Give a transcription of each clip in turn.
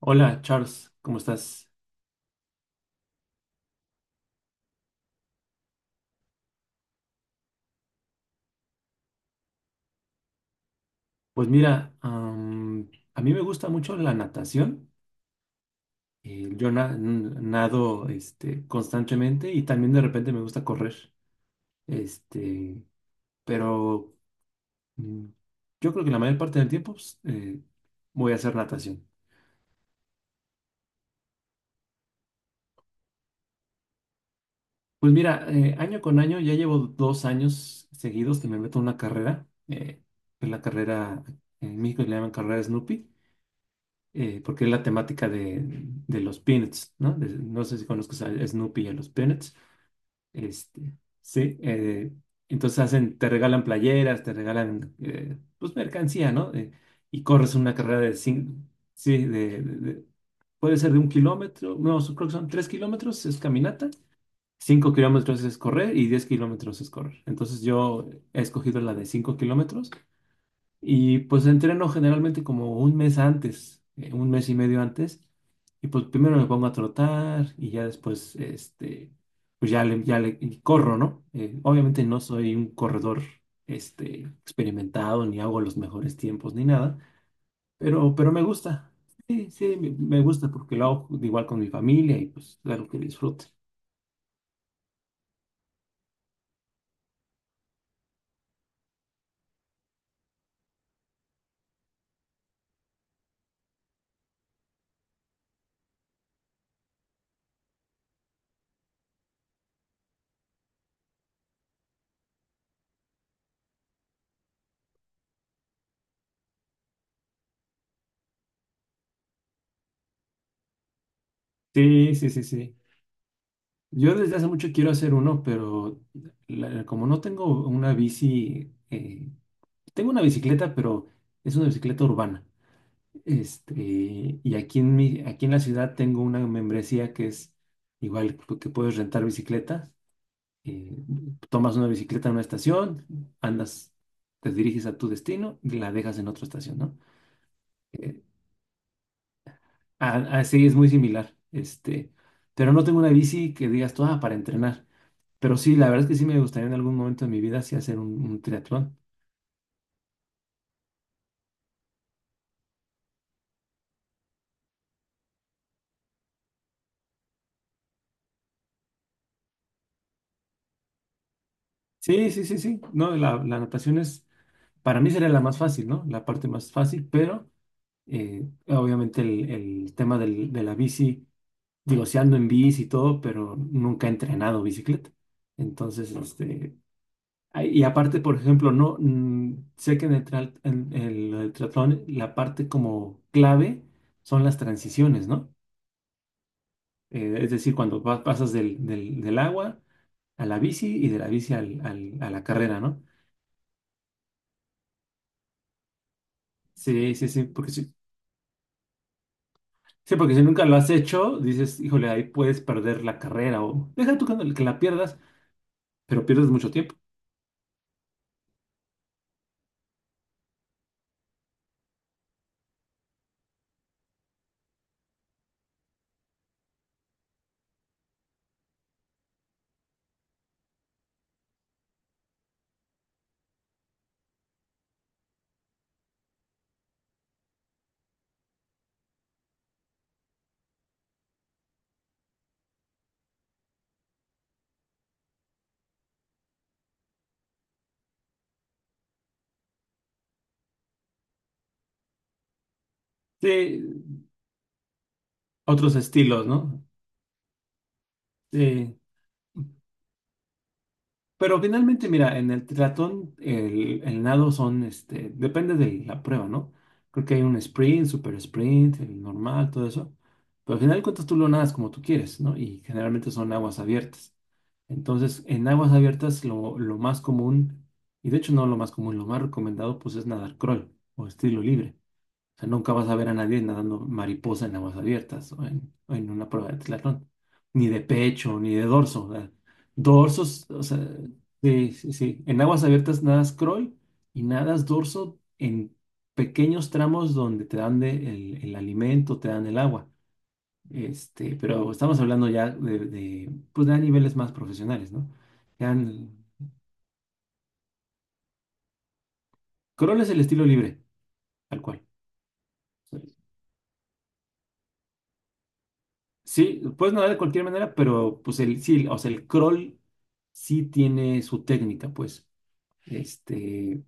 Hola, Charles, ¿cómo estás? Pues mira, a mí me gusta mucho la natación. Yo nado, constantemente y también de repente me gusta correr. Este, pero mm, yo creo que la mayor parte del tiempo pues, voy a hacer natación. Pues mira, año con año ya llevo 2 años seguidos que me meto en una carrera. Que es la carrera, en México le llaman carrera Snoopy, porque es la temática de los Peanuts, ¿no? No sé si conozcas a Snoopy y a los Peanuts. Este, sí, entonces hacen, te regalan playeras, te regalan, pues, mercancía, ¿no? Y corres una carrera de cinco. Sí, puede ser de un kilómetro. No, creo que son 3 kilómetros, es caminata. 5 kilómetros es correr y 10 kilómetros es correr. Entonces yo he escogido la de 5 kilómetros y pues entreno generalmente como un mes antes, un mes y medio antes. Y pues primero me pongo a trotar y ya después, pues ya le y corro, ¿no? Obviamente no soy un corredor, experimentado, ni hago los mejores tiempos, ni nada, pero me gusta. Sí, sí, me gusta porque lo hago igual con mi familia y pues es algo que disfrute. Sí, sí, sí, sí. Yo desde hace mucho quiero hacer uno, pero como no tengo una bici, tengo una bicicleta, pero es una bicicleta urbana. Este, y aquí en la ciudad tengo una membresía que es igual, que puedes rentar bicicletas. eh, Tomas una bicicleta en una estación, andas, te diriges a tu destino y la dejas en otra estación, ¿no? Eh, Así es muy similar. Pero no tengo una bici que digas tú, "Ah, para entrenar". Pero sí, la verdad es que sí me gustaría en algún momento de mi vida sí hacer un triatlón. Sí, sí, sí, sí. No, la natación es. Para mí sería la más fácil, ¿no? La parte más fácil, pero obviamente el tema de la bici, digo, si ando en bici y todo, pero nunca he entrenado bicicleta. Entonces, ay, y aparte, por ejemplo, no, sé que en el triatlón la parte como clave son las transiciones, ¿no? Es decir, cuando pasas del agua a la bici y de la bici a la carrera, ¿no? Sí, sí, sí, porque sí. Sí, porque si nunca lo has hecho, dices, híjole, ahí puedes perder la carrera o deja tú que no, que la pierdas, pero pierdes mucho tiempo. Sí, otros estilos, ¿no? Sí. Pero finalmente, mira, en el triatlón, el nado son, depende de la prueba, ¿no? Creo que hay un sprint, super sprint, el normal, todo eso. Pero al final de cuentas tú lo nadas como tú quieres, ¿no? Y generalmente son aguas abiertas. Entonces, en aguas abiertas lo más común, y de hecho no lo más común, lo más recomendado pues es nadar crawl o estilo libre. O sea, nunca vas a ver a nadie nadando mariposa en aguas abiertas o en una prueba de triatlón, ni de pecho, ni de dorso. O sea, dorsos, o sea, sí, sí, sí. En aguas abiertas nadas crawl y nadas dorso en pequeños tramos donde te dan el alimento, te dan el agua. Pero estamos hablando ya pues de niveles más profesionales, ¿no? Ya en- Corolla es el estilo libre, tal cual. Sí, puedes nadar de cualquier manera, pero pues sí, o sea, el crawl sí tiene su técnica, pues. Este,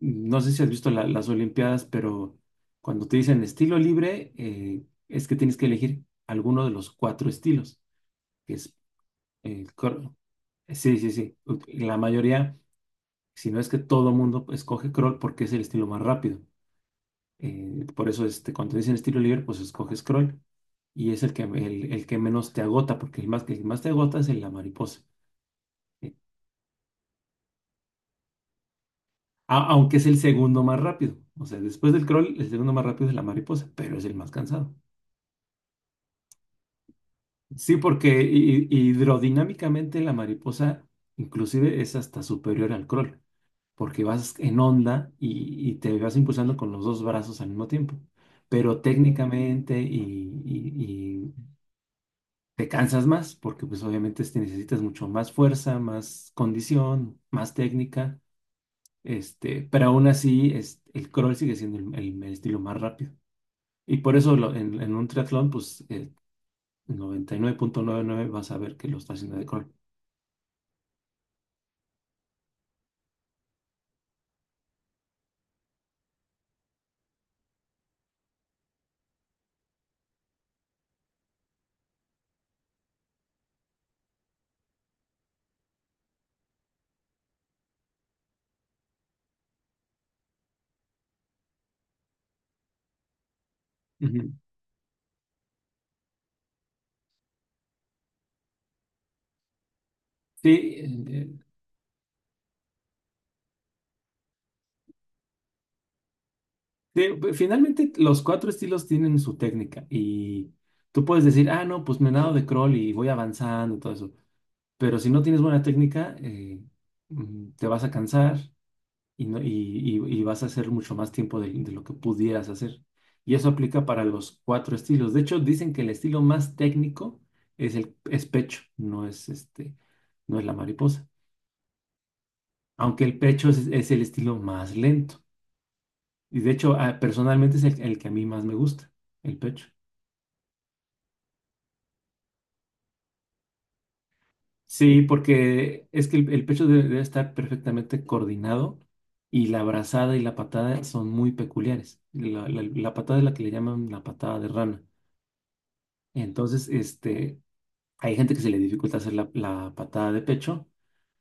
no sé si has visto las Olimpiadas, pero cuando te dicen estilo libre, es que tienes que elegir alguno de los cuatro estilos, que es el crawl. Sí, sí, sí. La mayoría Si no es que todo mundo escoge crawl porque es el estilo más rápido. Por eso, cuando te dicen estilo libre, pues escoges crawl. Y es el que, el que menos te agota, porque el que más te agota es el la mariposa. Eh, Aunque es el segundo más rápido. O sea, después del crawl, el segundo más rápido es la mariposa, pero es el más cansado. Sí, porque hidrodinámicamente la mariposa inclusive es hasta superior al crawl. Porque vas en onda y te vas impulsando con los dos brazos al mismo tiempo. Pero técnicamente y te cansas más, porque pues obviamente necesitas mucho más fuerza, más condición, más técnica, pero aún así es, el crawl sigue siendo el estilo más rápido. Y por eso en un triatlón, pues el 9.99 vas a ver que lo está haciendo de crawl. Ujú. Sí, sí, pues, finalmente, los cuatro estilos tienen su técnica y tú puedes decir, ah, no, pues me nado de crawl y voy avanzando y todo eso. Pero si no tienes buena técnica, te vas a cansar y vas a hacer mucho más tiempo de lo que pudieras hacer. Y eso aplica para los cuatro estilos. De hecho, dicen que el estilo más técnico es pecho, no es la mariposa. Aunque el pecho es el estilo más lento. Y de hecho, ah, personalmente es el que a mí más me gusta, el pecho. Sí, porque es que el pecho debe estar perfectamente coordinado y la brazada y la patada son muy peculiares. La patada es la que le llaman la patada de rana. Entonces, hay gente que se le dificulta hacer la patada de pecho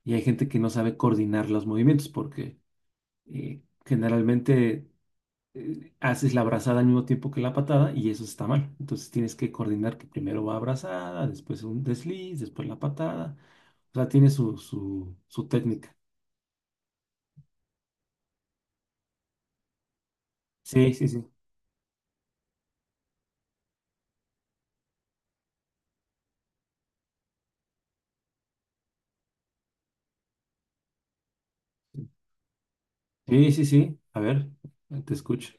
y hay gente que no sabe coordinar los movimientos porque generalmente haces la abrazada al mismo tiempo que la patada y eso está mal. Entonces tienes que coordinar que primero va abrazada, después un desliz, después la patada. O sea, tiene su técnica. Sí, sí, sí. Sí, sí, sí. A ver, te escucho.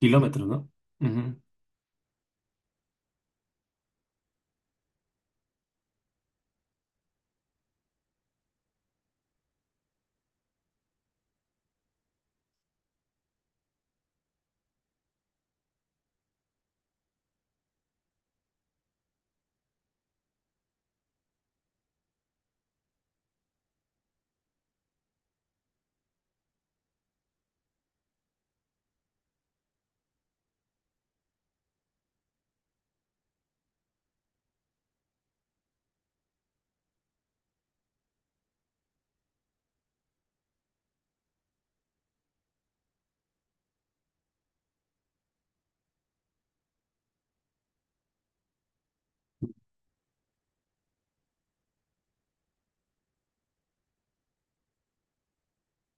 Kilómetros, ¿no? Ujú.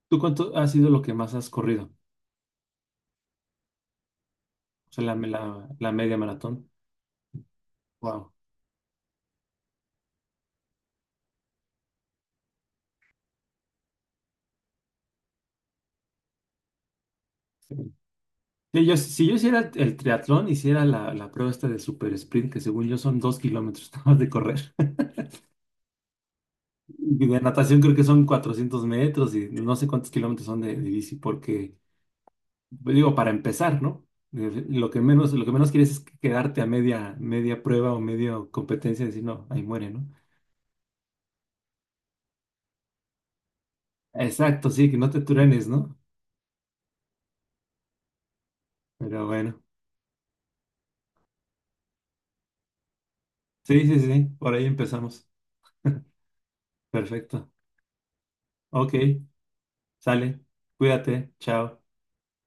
¿Tú cuánto ha sido lo que más has corrido? O sea, la media maratón. Wow. Sí. Sí, si yo hiciera el triatlón, hiciera la prueba esta de super sprint, que según yo son 2 kilómetros nada más de correr. Y de natación creo que son 400 metros y no sé cuántos kilómetros son de bici, porque, pues, digo, para empezar, ¿no? Lo que menos quieres es quedarte a media, media prueba o media competencia y decir, no, ahí muere, ¿no? Exacto, sí, que no te truenes, ¿no? Pero bueno, sí, sí, sí, sí, por ahí empezamos. Perfecto. Ok, sale, cuídate, chao.